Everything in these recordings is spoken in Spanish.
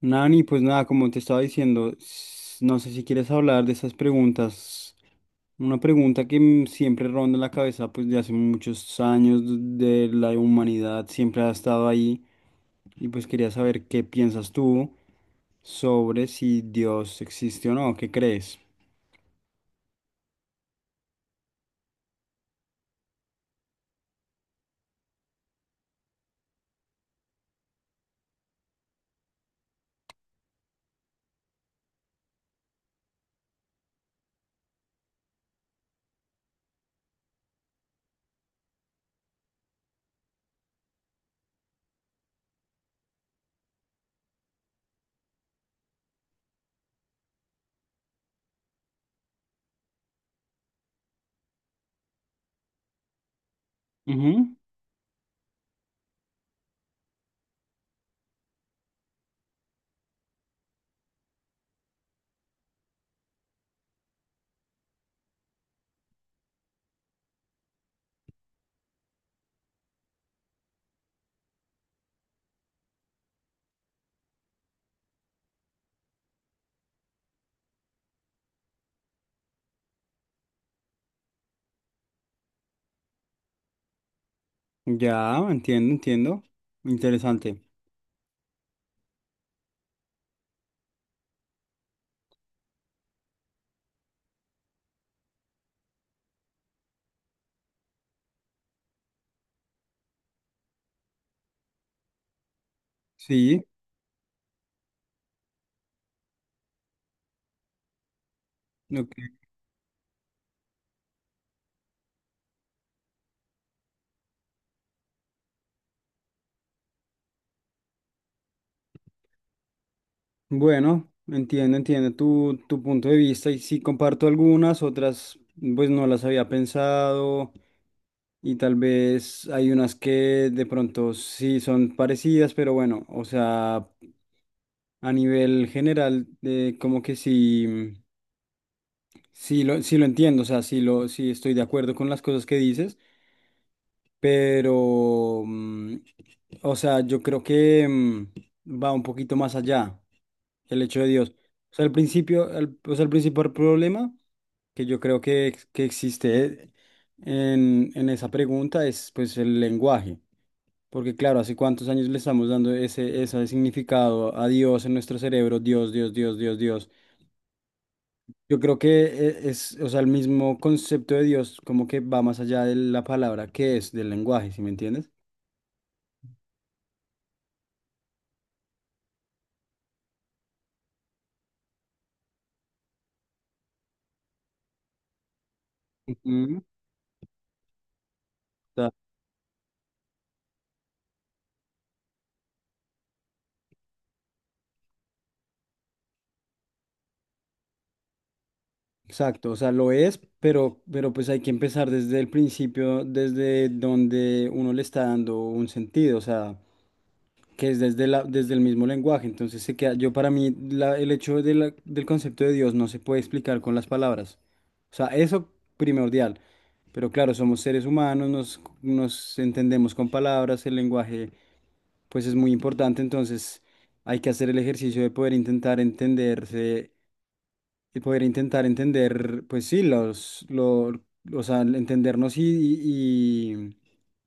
Nani, pues nada, como te estaba diciendo, no sé si quieres hablar de esas preguntas. Una pregunta que siempre ronda en la cabeza, pues de hace muchos años de la humanidad, siempre ha estado ahí. Y pues quería saber qué piensas tú sobre si Dios existe o no, ¿qué crees? Ujú. Ya, entiendo, entiendo. Interesante. Sí, ok. Bueno, entiendo, entiendo tu punto de vista y sí comparto algunas, otras pues no las había pensado y tal vez hay unas que de pronto sí son parecidas, pero bueno, o sea, a nivel general como que sí, sí lo entiendo, o sea, sí, lo, sí estoy de acuerdo con las cosas que dices, pero, o sea, yo creo que va un poquito más allá. El hecho de Dios. O sea, el principio, o sea, el principal problema que yo creo que, que existe en esa pregunta es pues el lenguaje. Porque claro, ¿hace cuántos años le estamos dando ese significado a Dios en nuestro cerebro? Dios, Dios, Dios, Dios, Dios. Yo creo que es, o sea, el mismo concepto de Dios como que va más allá de la palabra que es del lenguaje, ¿sí me entiendes? Ujú. Exacto, o sea, lo es, pero pues hay que empezar desde el principio, desde donde uno le está dando un sentido, o sea, que es desde el mismo lenguaje. Entonces se queda, yo para mí el hecho del concepto de Dios no se puede explicar con las palabras. O sea, eso primordial. Pero claro, somos seres humanos, nos entendemos con palabras, el lenguaje pues es muy importante, entonces hay que hacer el ejercicio de poder intentar entenderse y poder intentar entender, pues sí, o sea, entendernos y, y,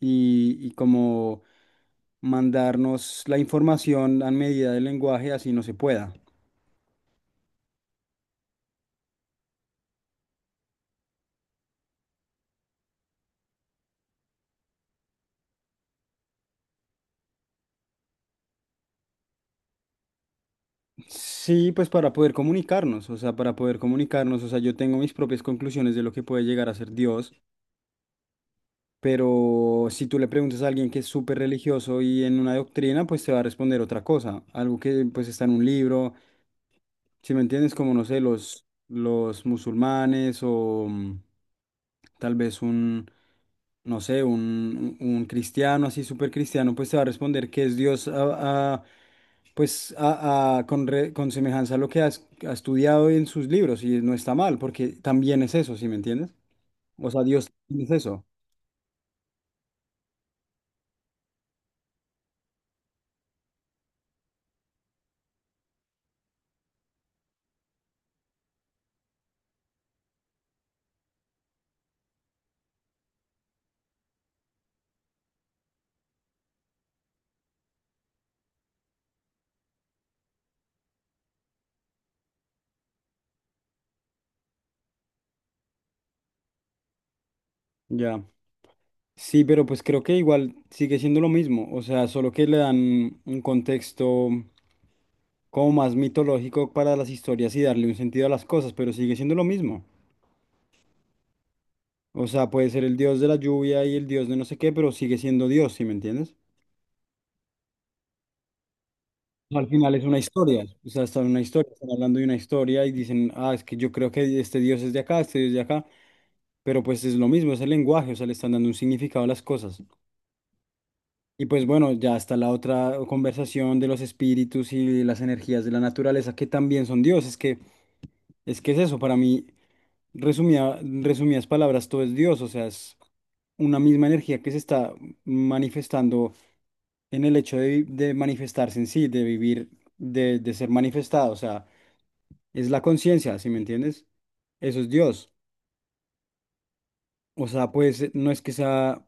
y, y como mandarnos la información a medida del lenguaje, así no se pueda. Sí, pues para poder comunicarnos, o sea, para poder comunicarnos, o sea, yo tengo mis propias conclusiones de lo que puede llegar a ser Dios, pero si tú le preguntas a alguien que es súper religioso y en una doctrina, pues te va a responder otra cosa, algo que pues está en un libro. Si me entiendes, como no sé, los musulmanes o tal vez no sé, un cristiano así súper cristiano, pues te va a responder que es Dios pues con semejanza a lo que ha estudiado en sus libros y no está mal, porque también es eso, ¿sí me entiendes? O sea, Dios también es eso. Ya. Sí, pero pues creo que igual sigue siendo lo mismo, o sea, solo que le dan un contexto como más mitológico para las historias y darle un sentido a las cosas, pero sigue siendo lo mismo. O sea, puede ser el dios de la lluvia y el dios de no sé qué, pero sigue siendo Dios, ¿sí me entiendes? Al final es una historia, o sea, está en una historia, están hablando de una historia y dicen, ah, es que yo creo que este dios es de acá, este dios es de acá, pero pues es lo mismo, es el lenguaje, o sea, le están dando un significado a las cosas. Y pues bueno, ya está la otra conversación de los espíritus y las energías de la naturaleza, que también son dios. Es que es eso, para mí, resumidas palabras, todo es Dios, o sea, es una misma energía que se está manifestando en el hecho de, de manifestarse en sí, de vivir, de ser manifestado, o sea, es la conciencia, ¿sí me entiendes? Eso es Dios. O sea, pues no es que sea,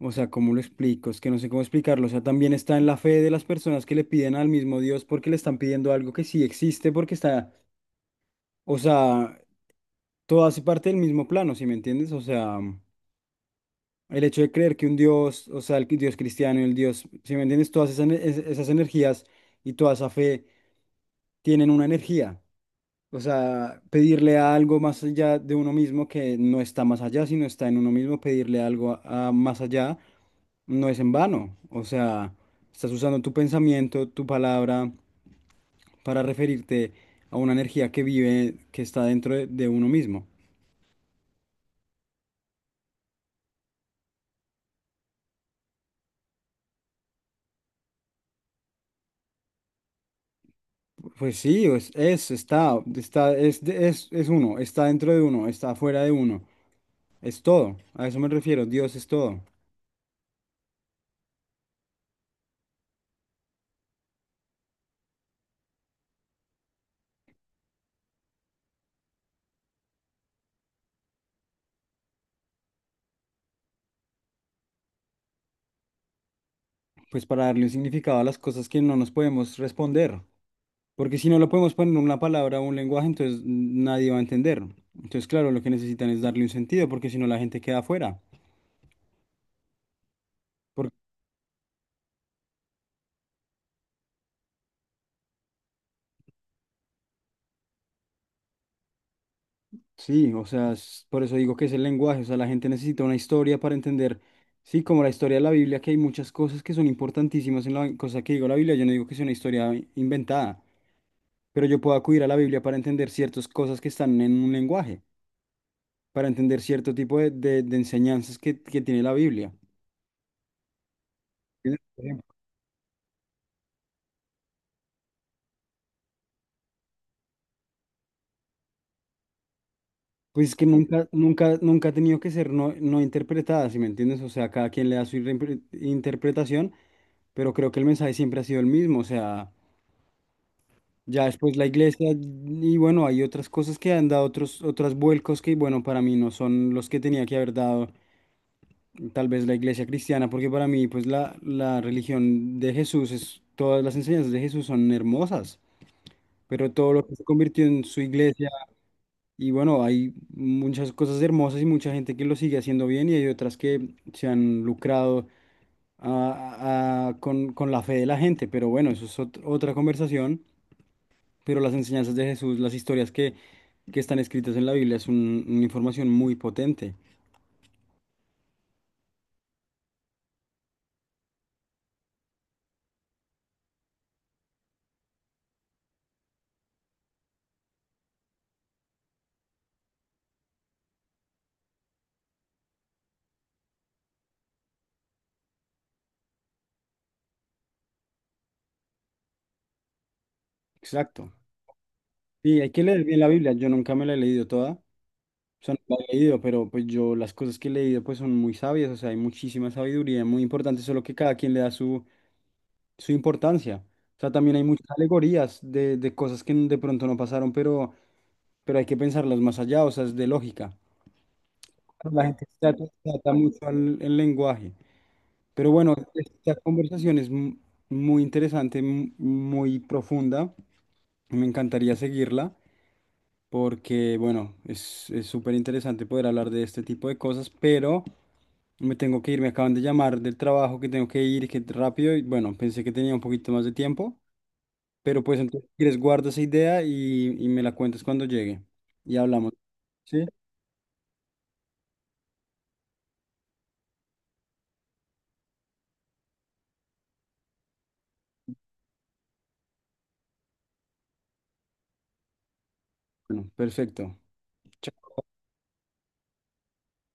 o sea, ¿cómo lo explico? Es que no sé cómo explicarlo, o sea, también está en la fe de las personas que le piden al mismo Dios porque le están pidiendo algo que sí existe, porque está, o sea, todo hace parte del mismo plano, ¿sí me entiendes? O sea. El hecho de creer que un Dios, o sea, Dios cristiano, el Dios, si me entiendes, todas esas energías y toda esa fe tienen una energía. O sea, pedirle a algo más allá de uno mismo que no está más allá, sino está en uno mismo, pedirle algo a más allá no es en vano. O sea, estás usando tu pensamiento, tu palabra para referirte a una energía que vive, que está dentro de uno mismo. Pues sí, es uno, está dentro de uno, está afuera de uno, es todo, a eso me refiero, Dios es todo. Pues para darle un significado a las cosas que no nos podemos responder, porque si no lo podemos poner en una palabra o un lenguaje, entonces nadie va a entender. Entonces, claro, lo que necesitan es darle un sentido, porque si no la gente queda afuera. Sí, o sea, por eso digo que es el lenguaje, o sea, la gente necesita una historia para entender, sí, como la historia de la Biblia, que hay muchas cosas que son importantísimas en la cosa que digo la Biblia, yo no digo que sea una historia inventada, pero yo puedo acudir a la Biblia para entender ciertas cosas que están en un lenguaje, para entender cierto tipo de, de enseñanzas que tiene la Biblia. ¿Entiendes? Por ejemplo, pues es que nunca, nunca, nunca ha tenido que ser no, no interpretada, ¿sí me entiendes? O sea, cada quien le da su interpretación, pero creo que el mensaje siempre ha sido el mismo, o sea. Ya después la iglesia y bueno, hay otras cosas que han dado otros vuelcos que bueno, para mí no son los que tenía que haber dado tal vez la iglesia cristiana, porque para mí pues la religión de Jesús es, todas las enseñanzas de Jesús son hermosas, pero todo lo que se convirtió en su iglesia y bueno, hay muchas cosas hermosas y mucha gente que lo sigue haciendo bien y hay otras que se han lucrado con la fe de la gente, pero bueno, eso es otra conversación. Pero las enseñanzas de Jesús, las historias que están escritas en la Biblia es una información muy potente. Exacto. Y hay que leer bien la Biblia. Yo nunca me la he leído toda. O sea, no la he leído, pero pues yo las cosas que he leído pues son muy sabias. O sea, hay muchísima sabiduría, muy importante, solo que cada quien le da su importancia. O sea, también hay muchas alegorías de, cosas que de pronto no pasaron, pero hay que pensarlas más allá, o sea, es de lógica. La gente se ata mucho al el lenguaje. Pero bueno, esta conversación es muy interesante, muy profunda. Me encantaría seguirla porque, bueno, es súper interesante poder hablar de este tipo de cosas, pero me tengo que ir, me acaban de llamar del trabajo que tengo que ir, que rápido, y bueno, pensé que tenía un poquito más de tiempo, pero pues entonces, si quieres, guarda esa idea y me la cuentas cuando llegue. Y hablamos, ¿sí? Bueno, perfecto.